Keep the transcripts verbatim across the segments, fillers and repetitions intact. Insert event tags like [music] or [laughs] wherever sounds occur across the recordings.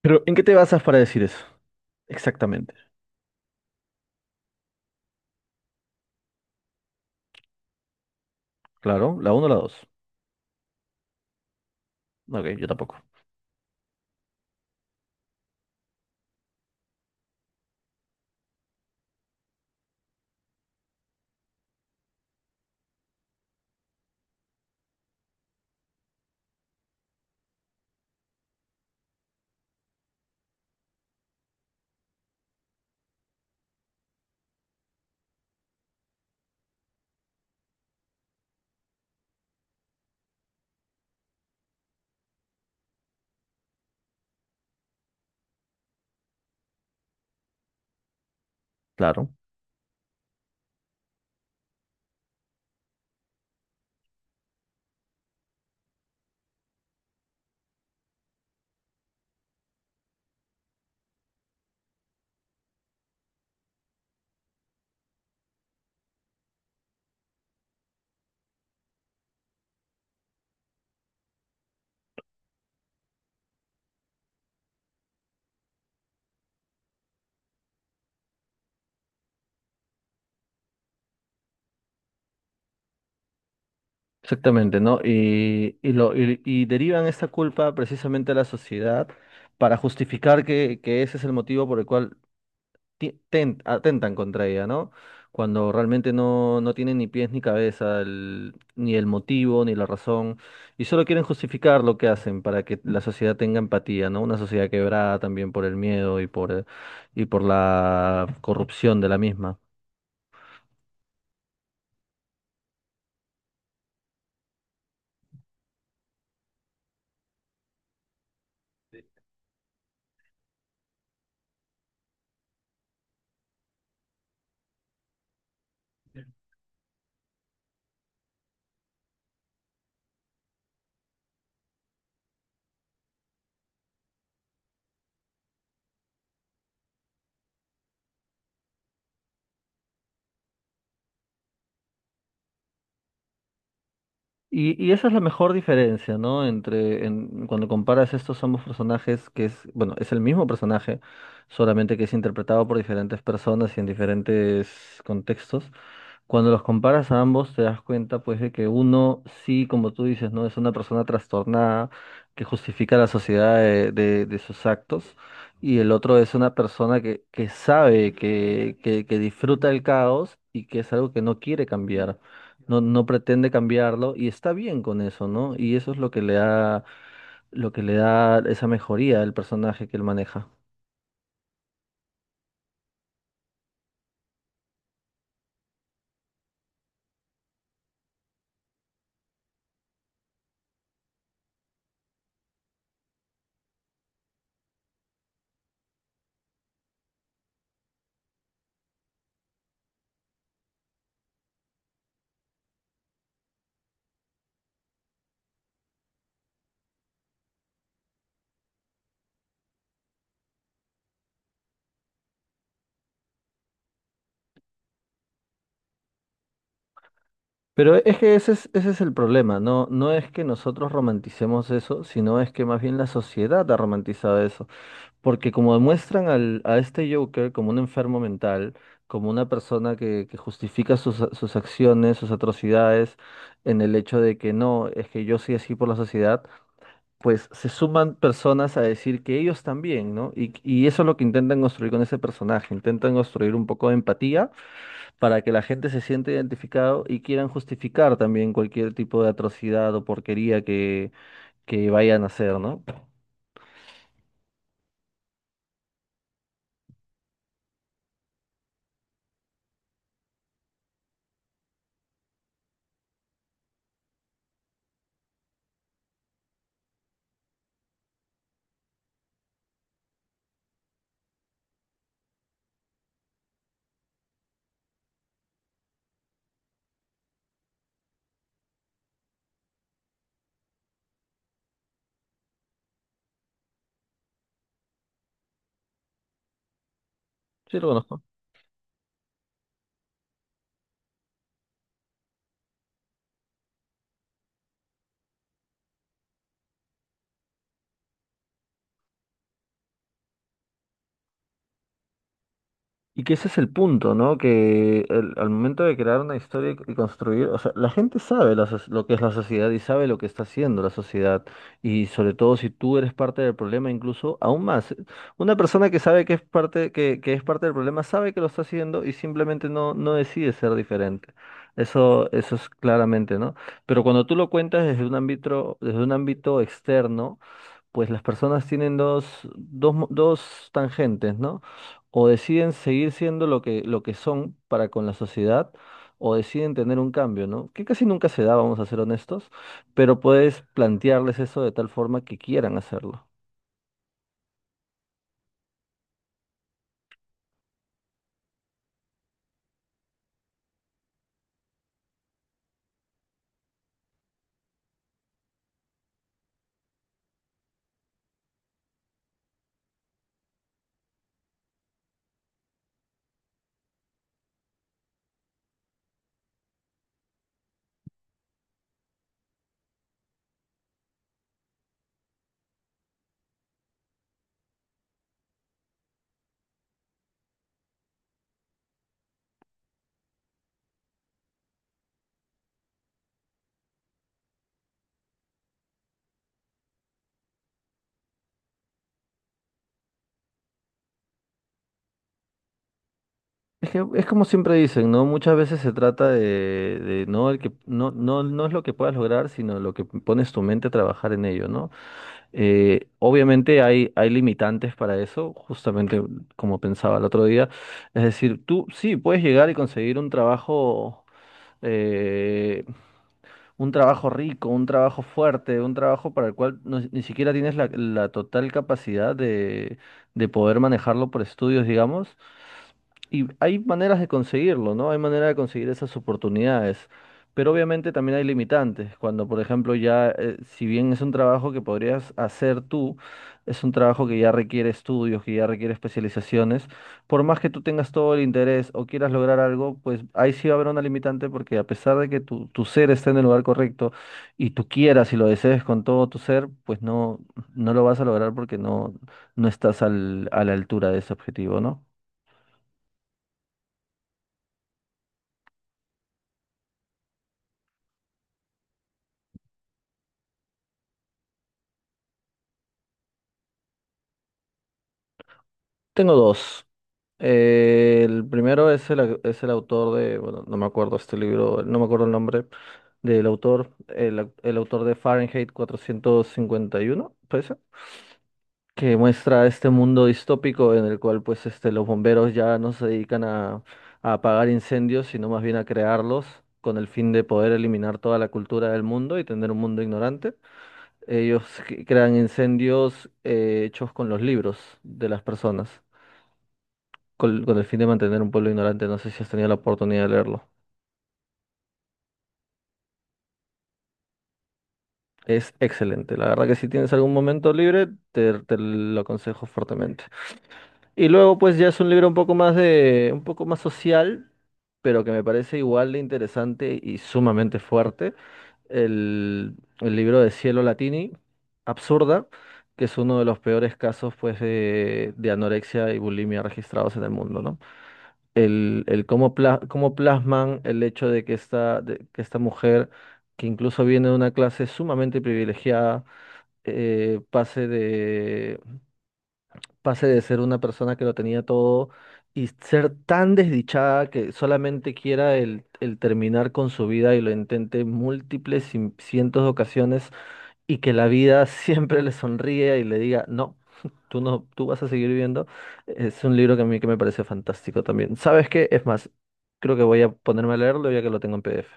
Pero, ¿en qué te basas para decir eso? Exactamente. Claro, la uno, o la dos. Ok, yo tampoco. Claro. Exactamente, ¿no? Y, y, lo, y, y derivan esta culpa precisamente a la sociedad para justificar que, que ese es el motivo por el cual ti- ten- atentan contra ella, ¿no? Cuando realmente no, no tienen ni pies ni cabeza, el- ni el motivo, ni la razón, y solo quieren justificar lo que hacen para que la sociedad tenga empatía, ¿no? Una sociedad quebrada también por el miedo y por, eh, y por la corrupción de la misma. Y, y esa es la mejor diferencia, ¿no? Entre en- cuando comparas estos ambos personajes, que es, bueno, es el mismo personaje, solamente que es interpretado por diferentes personas y en diferentes contextos. Cuando los comparas a ambos, te das cuenta, pues, de que uno sí, como tú dices, ¿no? Es una persona trastornada que justifica la sociedad de, de- de sus actos. Y el otro es una persona que, que sabe, que, que, que disfruta el caos y que es algo que no quiere cambiar. No, no pretende cambiarlo y está bien con eso, ¿no? Y eso es lo que le da, lo que le da esa mejoría al personaje que él maneja. Pero es que ese es, ese es el problema, no, no es que nosotros romanticemos eso, sino es que más bien la sociedad ha romantizado eso, porque como demuestran al, a este Joker como un enfermo mental, como una persona que, que justifica sus, a- sus acciones, sus atrocidades, en el hecho de que no, es que yo soy así por la sociedad, pues se suman personas a decir que ellos también, ¿no? Y, y eso es lo que intentan construir con ese personaje, intentan construir un poco de empatía para que la gente se sienta identificado y quieran justificar también cualquier tipo de atrocidad o porquería que, que vayan a hacer, ¿no? Sí, lo conozco. Y que ese es el punto, ¿no? Que el- al momento de crear una historia y y construir, o sea, la gente sabe la so- lo que es la sociedad y sabe lo que está haciendo la sociedad. Y sobre todo si tú eres parte del problema, incluso aún más. Una persona que sabe que es parte, que, que es parte del problema sabe que lo está haciendo y simplemente no, no decide ser diferente. Eso, eso es claramente, ¿no? Pero cuando tú lo cuentas desde un ámbito, desde un ámbito externo, pues las personas tienen dos, dos, mo- dos tangentes, ¿no? O deciden seguir siendo lo que, lo que son para con la sociedad, o deciden tener un cambio, ¿no? Que casi nunca se da, vamos a ser honestos, pero puedes plantearles eso de tal forma que quieran hacerlo. Es que es como siempre dicen, ¿no? Muchas veces se trata de, de no el que no, no, no es lo que puedas lograr, sino lo que pones tu mente a trabajar en ello, ¿no? Eh, obviamente hay, hay limitantes para eso, justamente como pensaba el otro día. Es decir, tú sí puedes llegar y conseguir un trabajo, eh, un trabajo rico, un trabajo fuerte, un trabajo para el cual no- ni siquiera tienes la, la total capacidad de, de poder manejarlo por estudios, digamos. Y hay maneras de conseguirlo, ¿no? Hay manera de conseguir esas oportunidades, pero obviamente también hay limitantes. Cuando, por ejemplo, ya, eh, si bien es un trabajo que podrías hacer tú, es un trabajo que ya requiere estudios, que ya requiere especializaciones, por más que tú tengas todo el interés o quieras lograr algo, pues ahí sí va a haber una limitante porque a pesar de que tu, tu ser esté en el lugar correcto y tú quieras y lo desees con todo tu ser, pues no, no lo vas a lograr porque no, no estás al- a la altura de ese objetivo, ¿no? Tengo dos. Eh, el primero es el, au- es el autor de, bueno, no me acuerdo este libro, no me acuerdo el nombre del autor, el, au- el autor de Fahrenheit cuatrocientos cincuenta y uno parece, que muestra este mundo distópico en el cual pues este, los bomberos ya no se dedican a, a apagar incendios, sino más bien a crearlos con el fin de poder eliminar toda la cultura del mundo y tener un mundo ignorante. Ellos cre- crean incendios eh, hechos con los libros de las personas con, con el fin de mantener un pueblo ignorante. No sé si has tenido la oportunidad de leerlo. Es excelente. La verdad que si tienes algún momento libre, te, te lo aconsejo fuertemente. Y luego, pues ya es un libro un poco más de, un poco más social, pero que me parece igual de interesante y sumamente fuerte. El, el libro de Cielo Latini, Absurda, que es uno de los peores casos, pues, de, de anorexia y bulimia registrados en el mundo, ¿no? el, el cómo, pla- cómo plasman el hecho de que esta, de que esta mujer, que incluso viene de una clase sumamente privilegiada, eh, pase de, pase de ser una persona que lo tenía todo y ser tan desdichada que solamente quiera el, el terminar con su vida y lo intente en múltiples cien- cientos de ocasiones y que la vida [laughs] siempre le sonríe y le diga, no, [laughs] tú no, tú vas a seguir viviendo, es un libro que a mí que me parece fantástico también. ¿Sabes qué? Es más, creo que voy a ponerme a leerlo ya que lo tengo en P D F.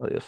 Adiós.